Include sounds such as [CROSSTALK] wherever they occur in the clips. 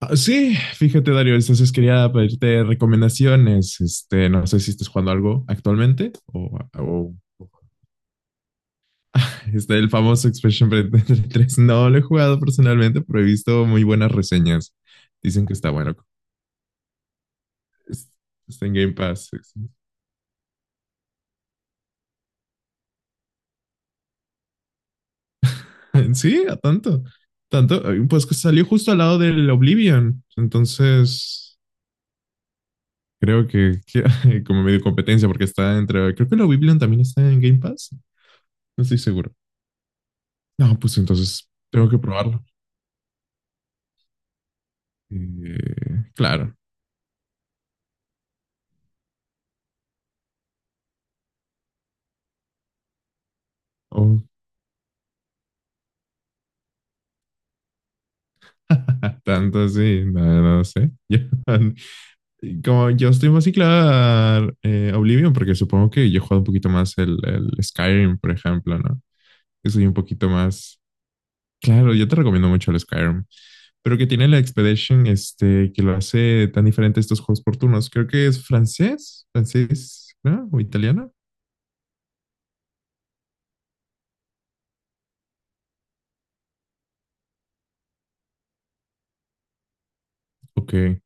Ah, sí, fíjate, Dario, entonces quería pedirte recomendaciones. No sé si estás jugando algo actualmente. [LAUGHS] El famoso Expression [LAUGHS] 3. No lo he jugado personalmente, pero he visto muy buenas reseñas. Dicen que está bueno. Es- Está en Game Pass. [LAUGHS] Sí, a tanto. Tanto, pues que salió justo al lado del Oblivion. Entonces, creo [LAUGHS] como medio competencia, porque está entre. Creo que el Oblivion también está en Game Pass. No estoy seguro. No, pues entonces tengo que probarlo. Claro. Oh, [LAUGHS] tanto así, no, no sé. [LAUGHS] Como yo estoy más ciclada a Oblivion, porque supongo que yo he jugado un poquito más el Skyrim, por ejemplo, ¿no? Yo soy un poquito más. Claro, yo te recomiendo mucho el Skyrim, pero que tiene la Expedition, que lo hace tan diferente a estos juegos por turnos. Creo que es francés, francés, ¿no? O italiano. Ok.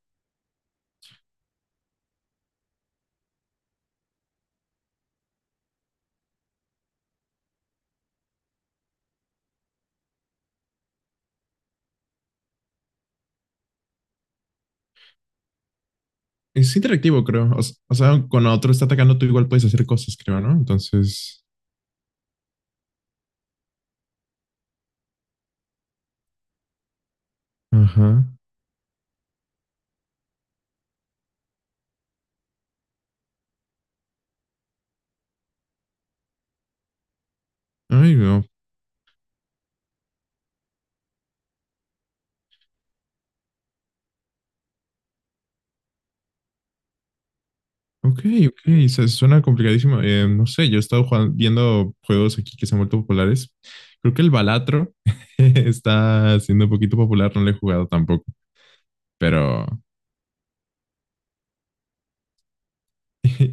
Es interactivo, creo. O sea, cuando otro está atacando, tú igual puedes hacer cosas, creo, ¿no? Entonces, ajá. Ay, no. Ok, ok. Suena complicadísimo. No sé, yo he estado viendo juegos aquí que se han vuelto populares. Creo que el Balatro [LAUGHS] está siendo un poquito popular, no lo he jugado tampoco. Pero,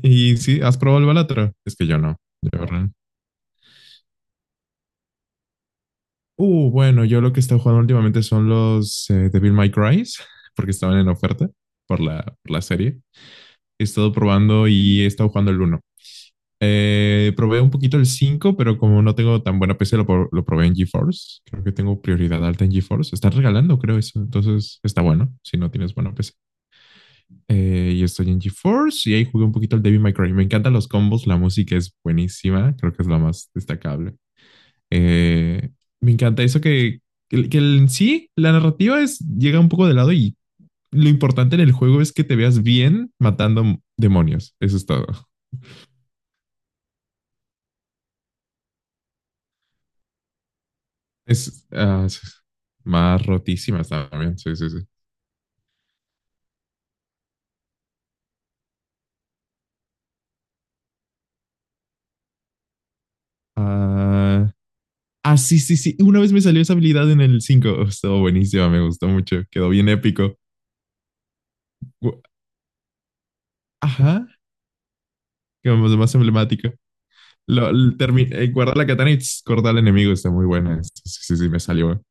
y, sí, ¿has probado el Balatro? Es que yo no. Yo, real. Bueno, yo lo que he estado jugando últimamente son los Devil May Cry, [LAUGHS] porque estaban en oferta por la serie. He estado probando y he estado jugando el uno. Probé un poquito el 5, pero como no tengo tan buena PC, lo probé en GeForce. Creo que tengo prioridad alta en GeForce. Están regalando, creo eso. Entonces está bueno si no tienes buena PC. Y estoy en GeForce y ahí jugué un poquito el Devil May Cry. Me encantan los combos, la música es buenísima. Creo que es la más destacable. Eh, Me encanta eso que en sí la narrativa es, llega un poco de lado, y lo importante en el juego es que te veas bien matando demonios. Eso es todo. Es, ah, más rotísimas también. Sí, sí, sí. Ah, ah, sí, sí, sí. Una vez me salió esa habilidad en el cinco. Oh, estuvo buenísima, me gustó mucho. Quedó bien épico. Gu- Ajá, como lo más emblemático. Guardar la katana y tss, cortar al enemigo está muy buena. Sí, sí, sí, sí, me salió.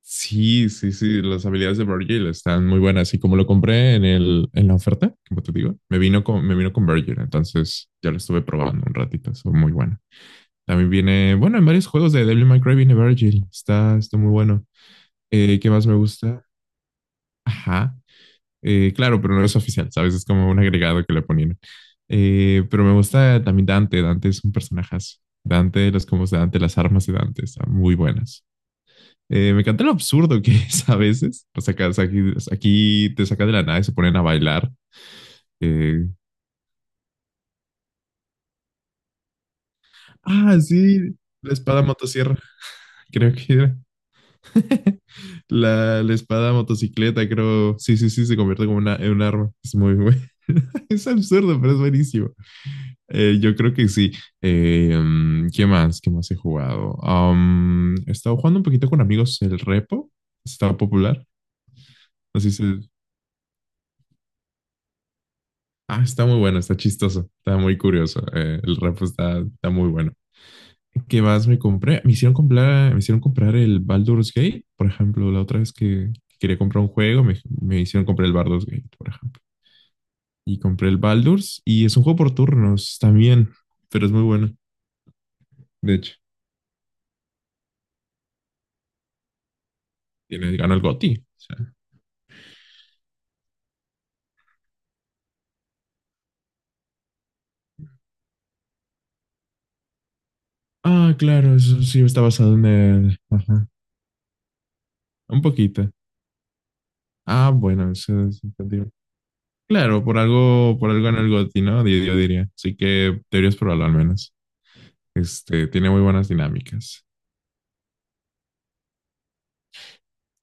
Sí, sí, sí. Las habilidades de Virgil están muy buenas. Y como lo compré en la oferta, como te digo, me vino con Virgil. Entonces ya lo estuve probando un ratito. Son muy buenas. También viene, bueno, en varios juegos de Devil May Cry viene Virgil. Está muy bueno. ¿Qué más me gusta? Ajá. Claro, pero no es oficial, ¿sabes? Es como un agregado que le ponían. Pero me gusta también Dante. Dante es un personajazo. Dante, los combos de Dante, las armas de Dante están muy buenas. Me encanta lo absurdo que es a veces. O sea, aquí te sacan de la nada y se ponen a bailar. Eh, sí, la espada motosierra, creo que era. [LAUGHS] La espada motocicleta, creo. Sí, sí, sí, se convierte como una, en un arma. Es muy bueno. [LAUGHS] Es absurdo, pero es buenísimo. Yo creo que sí. ¿Qué más? ¿Qué más he jugado? He estado jugando un poquito con amigos el repo. Está popular. Así se... Ah, está muy bueno, está chistoso, está muy curioso. El repo está muy bueno. ¿Qué más me compré? Me hicieron comprar el Baldur's Gate, por ejemplo, la otra vez que quería comprar un juego, me hicieron comprar el Baldur's Gate, por ejemplo. Y compré el Baldur's y es un juego por turnos también, pero es muy bueno. De hecho, ganó el GOTY, o sea. Ah, claro, eso sí está basado en el. Ajá, un poquito. Ah, bueno, eso es entendible. Claro, por algo ganó el GOTY, ¿no? Yo diría. Así que deberías probarlo al menos. Tiene muy buenas dinámicas.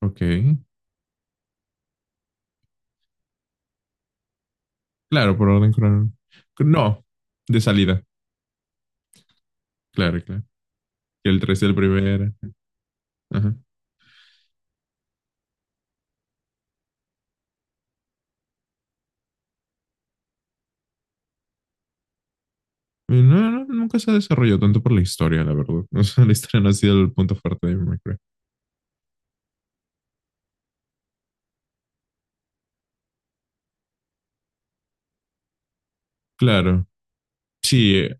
Ok. Claro, por orden cronológico. No, de salida. Claro, claro. Que el 3 del primero. Ajá. No, no, no, nunca se ha desarrollado tanto por la historia, la verdad. [LAUGHS] O sea, la historia no ha sido el punto fuerte de Minecraft. Claro. Sí,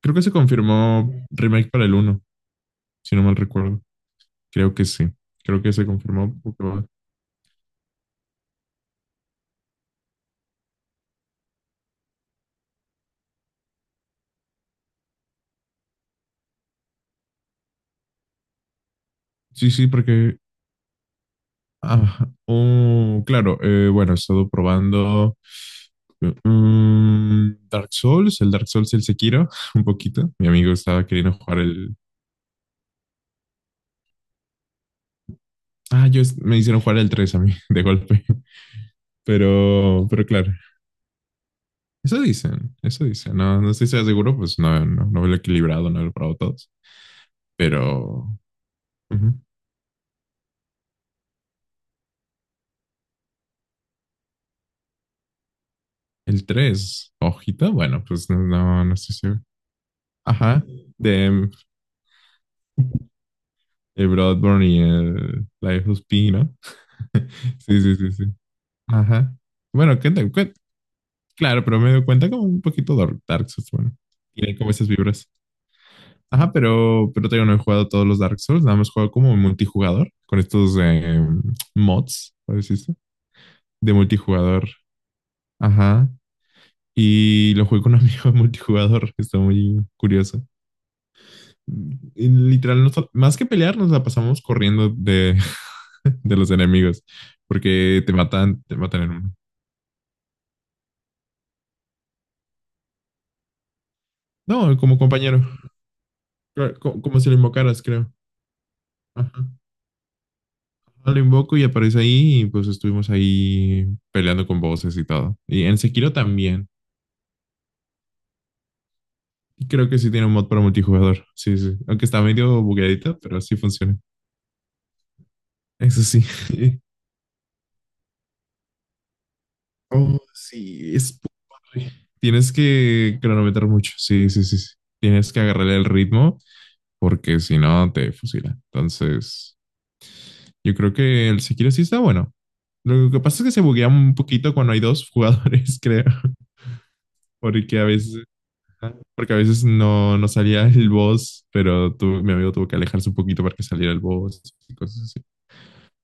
creo que se confirmó remake para el uno, si no mal recuerdo. Creo que sí. Creo que se confirmó. Sí, sí, claro, bueno, he estado probando Dark Souls, el Dark Souls y el Sekiro, [LAUGHS] un poquito. Mi amigo estaba queriendo jugar el. Ah, yo me hicieron jugar el 3 a mí, [LAUGHS] de golpe. Pero claro, eso dicen, eso dicen. No, no estoy seguro, pues no, no, no lo he equilibrado, no lo he probado todos. Pero ujú. El 3, hojita, bueno, pues no, no no estoy seguro. Ajá, de el Bloodborne y el Life of P, ¿no? [LAUGHS] Sí, sí, sí, sí. Ajá. Bueno, claro, pero me doy cuenta como un poquito Dark Souls, bueno. Tiene como esas vibras. Ajá, pero todavía no he jugado todos los Dark Souls, nada más he jugado como multijugador, con estos mods, por decirse, de multijugador. Ajá. Y lo jugué con un [LAUGHS] amigo de multijugador, está muy curioso. Y literal, más que pelear, nos la pasamos corriendo de, [LAUGHS] de los enemigos, porque te matan en uno. No, como compañero. Claro, como, si lo invocaras, creo. Ajá. Ah, lo invoco y aparece ahí y pues estuvimos ahí peleando con voces y todo. Y en Sekiro también. Y creo que sí tiene un mod para multijugador. Sí, sí. Aunque está medio bugueadito, pero sí funciona. Eso sí. [LAUGHS] Oh, sí, es padre. Tienes que cronometrar mucho. Sí, sí, sí, sí. Tienes que agarrarle el ritmo porque si no te fusila. Entonces, yo creo que el Sekiro sí está bueno. Lo que pasa es que se buguea un poquito cuando hay dos jugadores, [LAUGHS] creo. Porque a veces, ajá, porque a veces no, no salía el boss, pero mi amigo tuvo que alejarse un poquito para que saliera el boss y cosas así.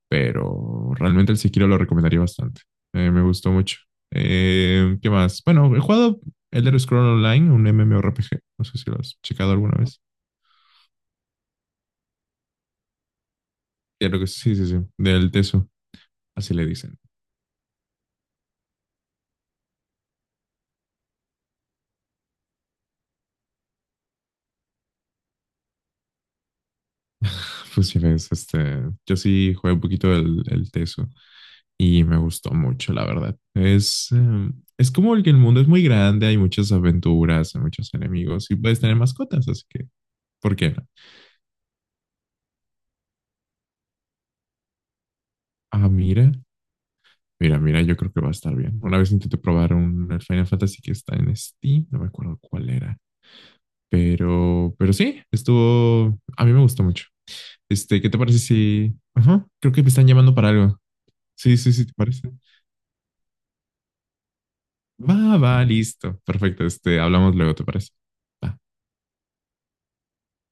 Pero realmente el Sekiro lo recomendaría bastante. Me gustó mucho. ¿Qué más? Bueno, he jugado Elder Scrolls Online, un MMORPG. No sé si lo has checado alguna vez. Ya lo que sí, sí, sí. Del Teso, así le dicen. [LAUGHS] Pues ya ves, yo sí jugué un poquito del el Teso. Y me gustó mucho, la verdad. Es como el que el mundo es muy grande, hay muchas aventuras, hay muchos enemigos y puedes tener mascotas, así que, ¿por qué no? Ah, mira, mira, mira, yo creo que va a estar bien. Una vez intenté probar un el Final Fantasy que está en Steam, no me acuerdo cuál era, pero sí, estuvo, a mí me gustó mucho. ¿Qué te parece si? Ajá, creo que me están llamando para algo. Sí, sí, sí, ¿te parece? Va, va, listo. Perfecto, hablamos luego, ¿te parece? Va.